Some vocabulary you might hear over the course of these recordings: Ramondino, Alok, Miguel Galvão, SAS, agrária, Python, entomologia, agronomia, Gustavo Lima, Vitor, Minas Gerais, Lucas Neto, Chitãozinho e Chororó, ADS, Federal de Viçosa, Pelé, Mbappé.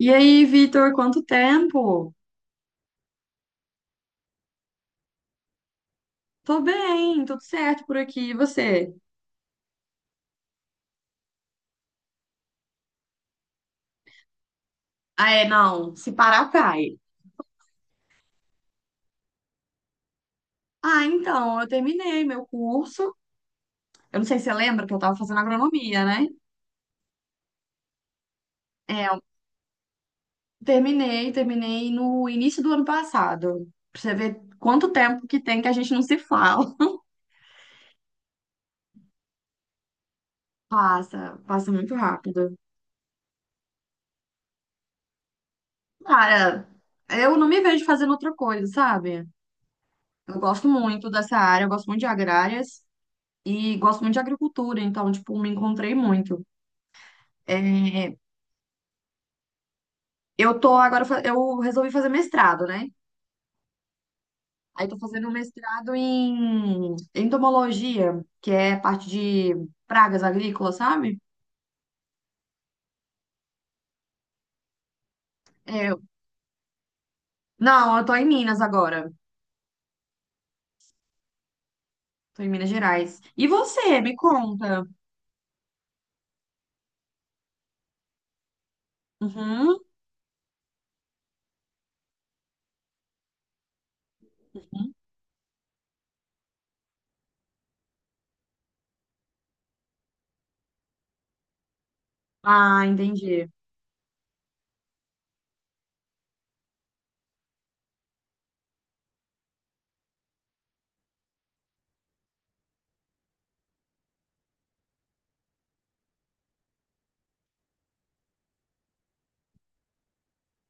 E aí, Vitor, quanto tempo? Tô bem, tudo certo por aqui. E você? Ah, é, não, se parar, cai. Ah, então, eu terminei meu curso. Eu não sei se você lembra que eu tava fazendo agronomia, né? É, eu terminei no início do ano passado. Pra você ver quanto tempo que tem que a gente não se fala. Passa muito rápido. Cara, eu não me vejo fazendo outra coisa, sabe? Eu gosto muito dessa área, eu gosto muito de agrárias e gosto muito de agricultura, então, tipo, me encontrei muito. É, eu tô agora, eu resolvi fazer mestrado, né? Aí tô fazendo um mestrado em entomologia, que é parte de pragas agrícolas, sabe? É, não, eu tô em Minas agora. Tô em Minas Gerais. E você, me conta? Uhum. Ah, entendi.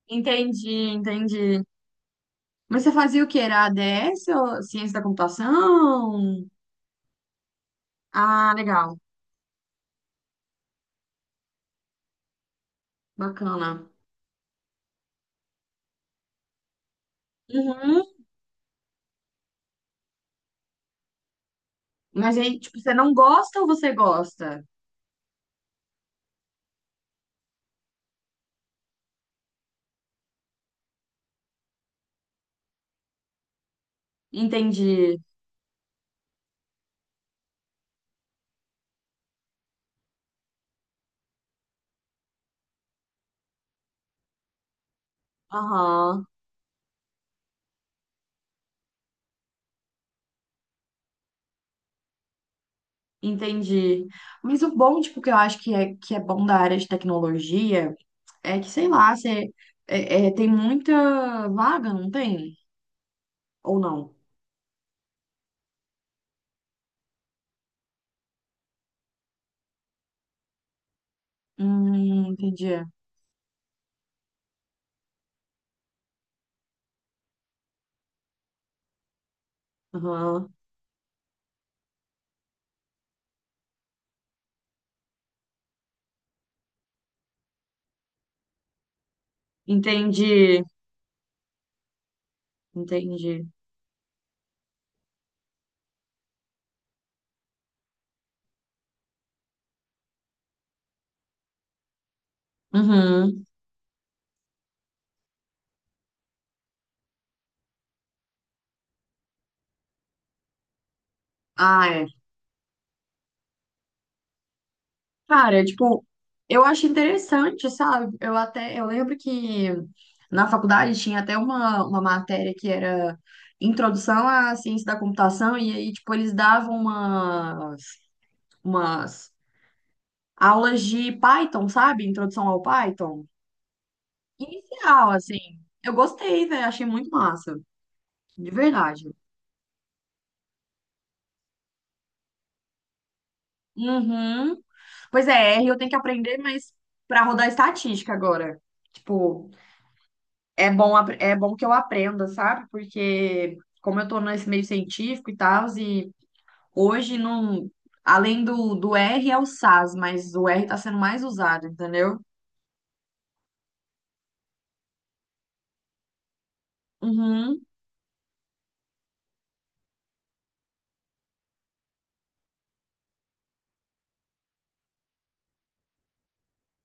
Entendi, entendi. Mas você fazia o que? Era ADS ou ciência da computação? Ah, legal. Bacana. Uhum. Mas aí, tipo, você não gosta ou você gosta? Entendi. Aham, entendi. Mas o bom, tipo, que eu acho que é bom da área de tecnologia é que, sei lá, você tem muita vaga, não tem? Ou não? Entendi. Aham. Entendi, entendi. Uhum. Ah, é. Cara, tipo, eu acho interessante, sabe? Eu até, eu lembro que na faculdade tinha até uma matéria que era Introdução à Ciência da Computação, e aí, tipo, eles davam umas, umas aulas de Python, sabe? Introdução ao Python. Inicial, assim. Eu gostei, velho, achei muito massa, de verdade. Uhum. Pois é, R eu tenho que aprender, mas pra rodar estatística agora. Tipo, é bom, é bom que eu aprenda, sabe? Porque como eu tô nesse meio científico e tal, e hoje não, além do R é o SAS, mas o R tá sendo mais usado, entendeu? Uhum,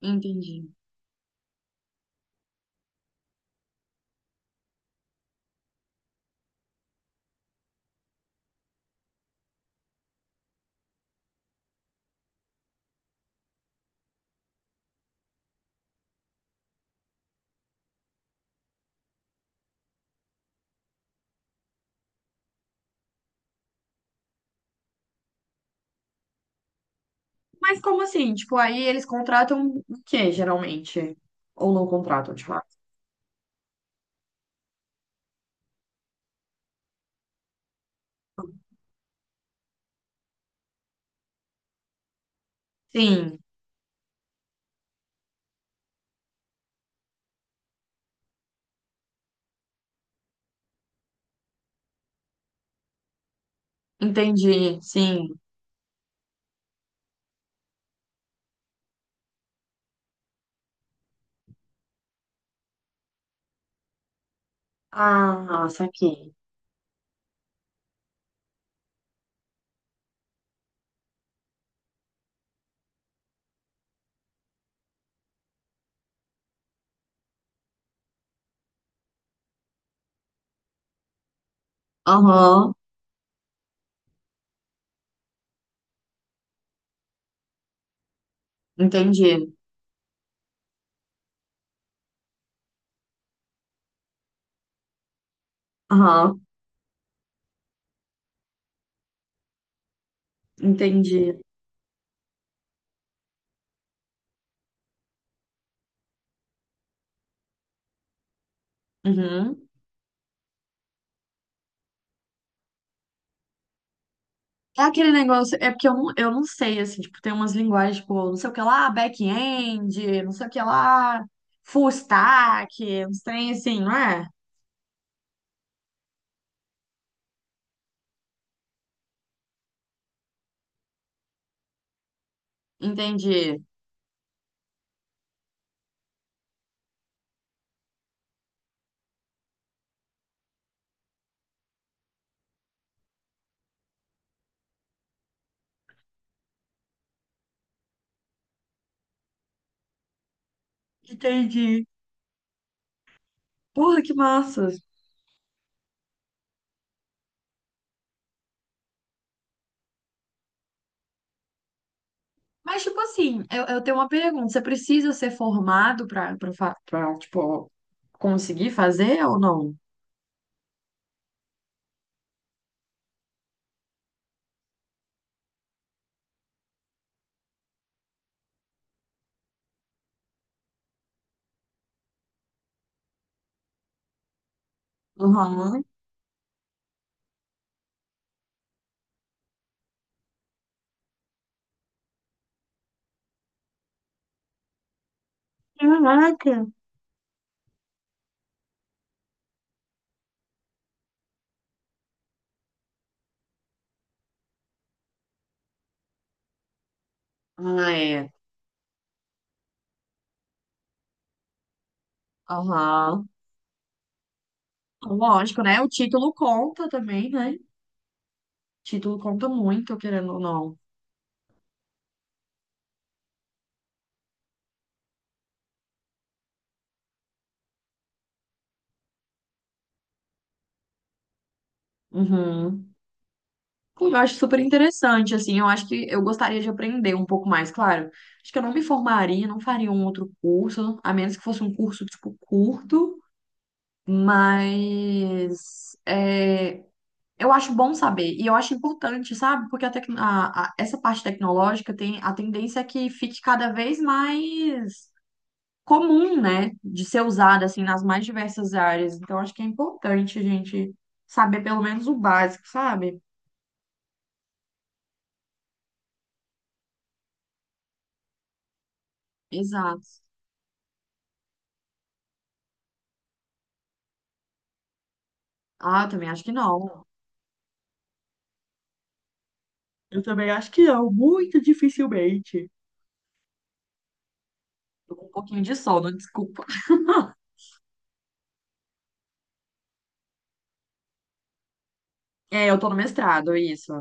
entendi. Mas como assim? Tipo, aí eles contratam o quê, geralmente? Ou não contratam, de fato? Sim, entendi, sim. Ah, saquei. Aham, entendi. Aham, entendi. Uhum. É aquele negócio, é porque eu não sei, assim, tipo, tem umas linguagens, tipo, não sei o que lá, back-end, não sei o que lá, full stack, uns trem assim, não é? Entendi. Entendi. Porra, que massa. Mas, tipo assim, eu tenho uma pergunta, você precisa ser formado pra tipo, conseguir fazer ou não? Aham. Caraca. Ah, é. Aham. Lógico, né? O título conta também, né? Título conta muito, querendo ou não. Uhum. Eu acho super interessante, assim, eu acho que eu gostaria de aprender um pouco mais, claro. Acho que eu não me formaria, não faria um outro curso, a menos que fosse um curso, tipo, curto, mas é, eu acho bom saber, e eu acho importante, sabe? Porque a essa parte tecnológica tem a tendência é que fique cada vez mais comum, né? De ser usada, assim, nas mais diversas áreas. Então, acho que é importante a gente saber pelo menos o básico, sabe? Exato. Ah, também acho que não. Eu também acho que não, muito dificilmente. Tô com um pouquinho de sono, desculpa. É, eu tô no mestrado, isso.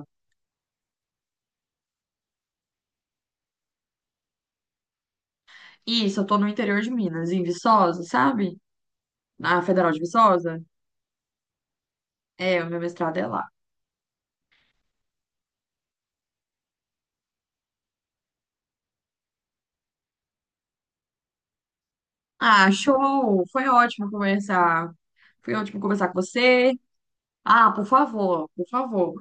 Isso, eu tô no interior de Minas, em Viçosa, sabe? Na Federal de Viçosa. É, o meu mestrado é lá. Ah, show! Foi ótimo conversar. Foi ótimo conversar com você. Ah, por favor, por favor.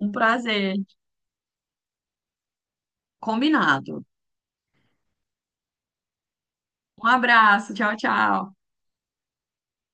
Um prazer. Combinado. Um abraço, tchau, tchau.